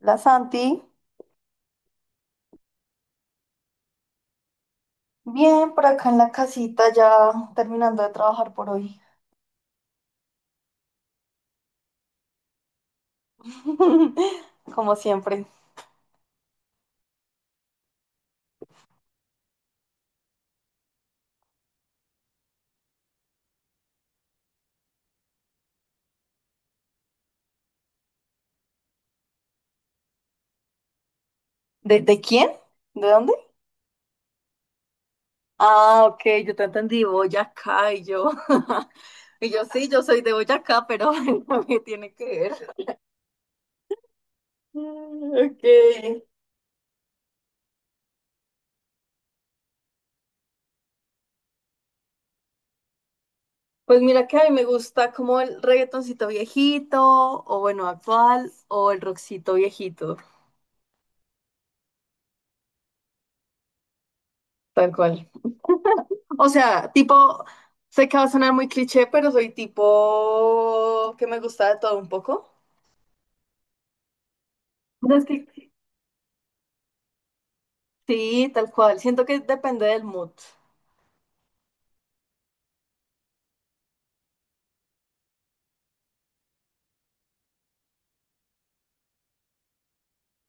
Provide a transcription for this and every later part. La Santi, bien por acá en la casita, ya terminando de trabajar por hoy. Como siempre. ¿De quién? ¿De dónde? Ah, ok, yo te entendí, Boyacá y yo. Y yo sí, yo soy de Boyacá, pero ¿qué tiene que ver? Mm, ok. Pues mira que a mí me gusta como el reggaetoncito viejito, o bueno, actual, o el rockcito viejito, tal cual. O sea, tipo, sé que va a sonar muy cliché, pero soy tipo que me gusta de todo un poco. Pero es que Sí, tal cual. Siento que depende del mood.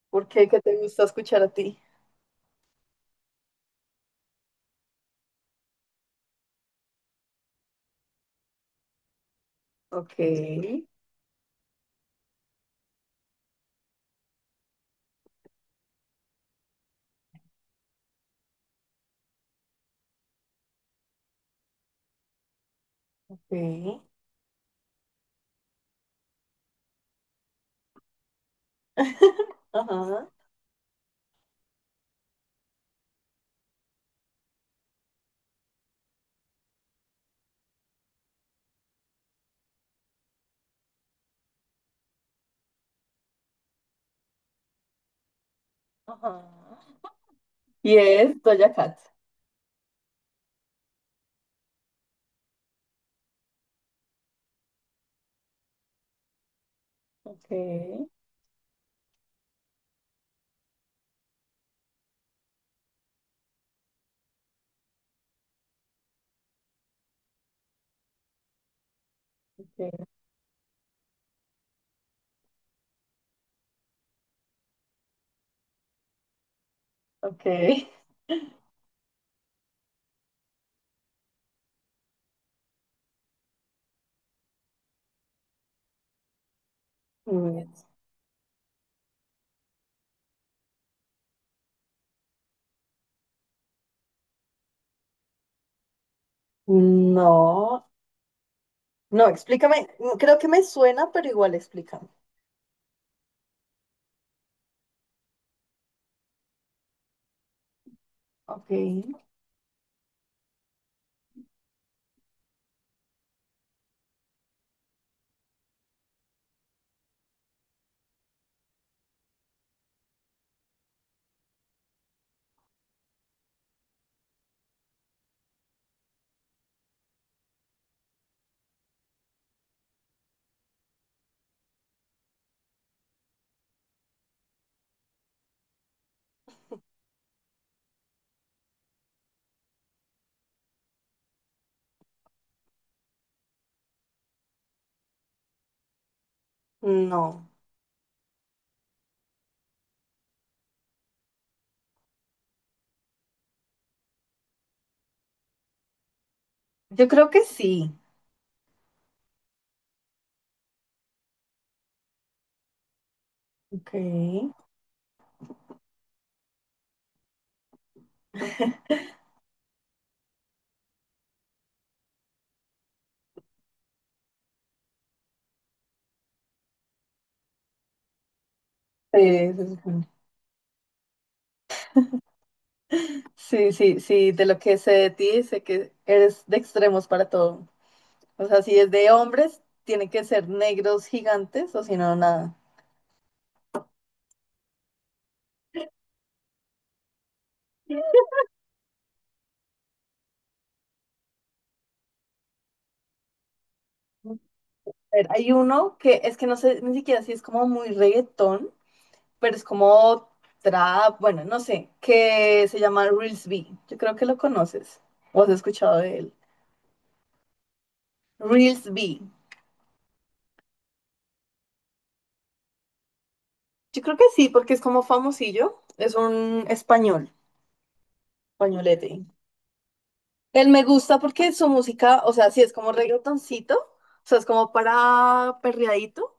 ¿Por qué? ¿Qué te gusta escuchar a ti? Ok, ok, ajá, ajá. Y es Doja Cat. Ok, ok, ok. Mm, no, no, explícame. Mm, creo que me suena, pero igual explícame. Ok, no. Yo creo que sí. Ok. Sí, se supone. Sí, sí, sí, de lo que sé de ti, sé que eres de extremos para todo. O sea, si es de hombres, tienen que ser negros gigantes o si no, nada. A ver, hay uno que es que no sé ni siquiera si es como muy reggaetón, pero es como trap, bueno, no sé, que se llama Reels B. Yo creo que lo conoces o has escuchado de él. Reels B. Yo creo que sí, porque es como famosillo, es un español, españolete. Él me gusta porque su música, o sea, sí es como reggaetoncito, o sea, es como para perreadito,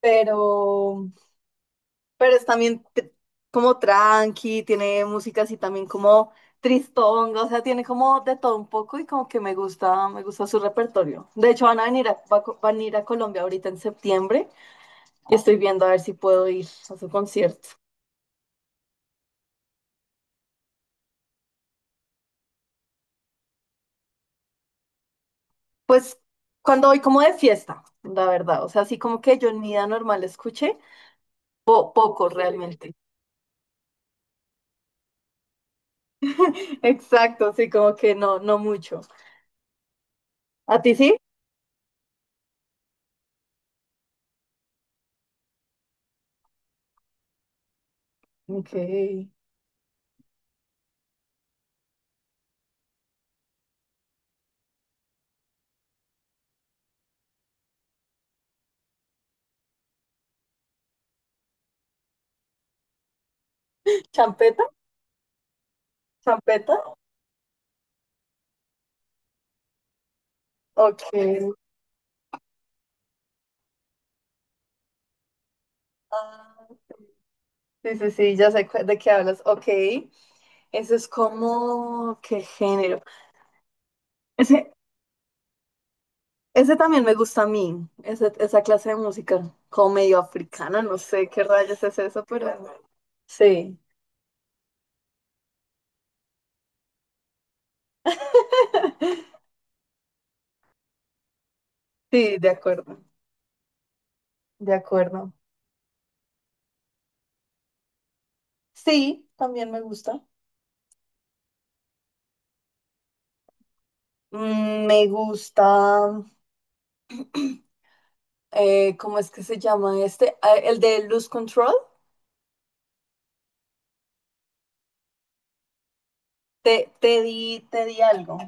pero, pero es también t- como tranqui, tiene música así también como tristonga, o sea, tiene como de todo un poco y como que me gusta su repertorio. De hecho, van a ir a Colombia ahorita en septiembre y estoy viendo a ver si puedo ir a su concierto. Pues cuando voy como de fiesta, la verdad, o sea, así como que yo en mi vida normal escuché poco realmente. Exacto, sí, como que no, no mucho. ¿A ti sí? Ok. ¿Champeta? ¿Champeta? Ok. Ah, sí, sí, sí, ya de qué hablas. Ok. Eso es como, ¿qué género? Ese, ese también me gusta a mí, esa clase de música, como medio africana, no sé qué rayos es eso, pero sí, sí, de acuerdo, de acuerdo. Sí, también me gusta. Mm, me gusta. ¿Cómo es que se llama este? Ah, el de Lose Control. Te di algo.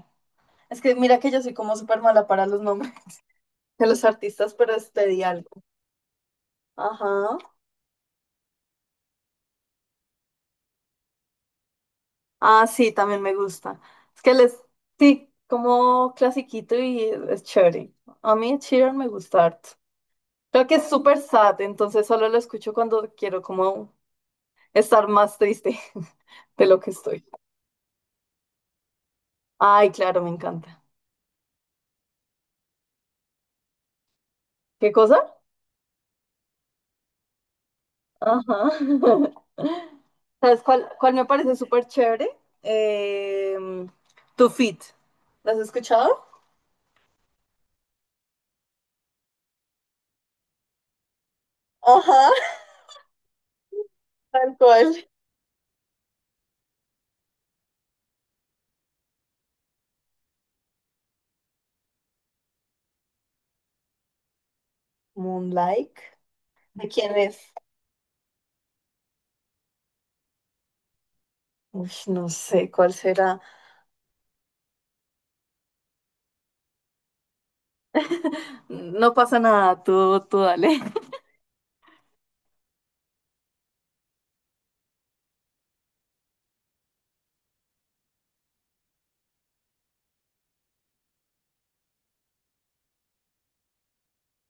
Es que mira que yo soy como súper mala para los nombres de los artistas, pero es te di algo. Ajá. Ah, sí, también me gusta. Es que les, sí, como clasiquito y es chévere. A mí Sheeran me gusta harto. Creo que es súper sad, entonces solo lo escucho cuando quiero como estar más triste de lo que estoy. Ay, claro, me encanta. ¿Qué cosa? Ajá. ¿Sabes cuál me parece súper chévere? Eh, Too Fit. ¿Las has escuchado? Ajá, tal cual. Moonlight. ¿De quién es? Uf, no sé cuál será. No pasa nada, tú dale.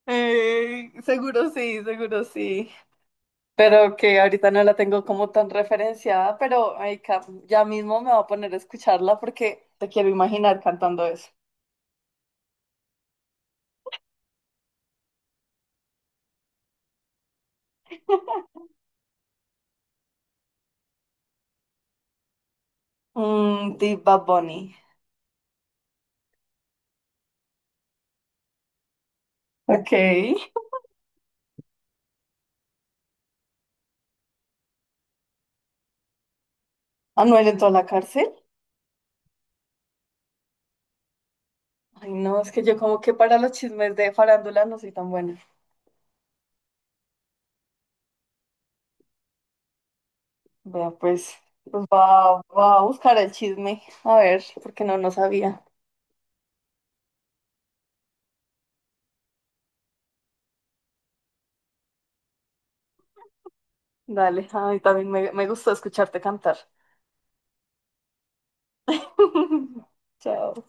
Seguro sí, seguro sí. Pero que ahorita no la tengo como tan referenciada, pero ay, ya mismo me voy a poner a escucharla porque te quiero imaginar cantando eso. Mm, de Bad Bunny. Ok. Anuel entró a la cárcel. Ay, no, es que yo como que para los chismes de farándula no soy tan buena. Vea, pues, pues va a buscar el chisme. A ver, porque no, no sabía. Dale, ay, también me gustó escucharte cantar. Chao.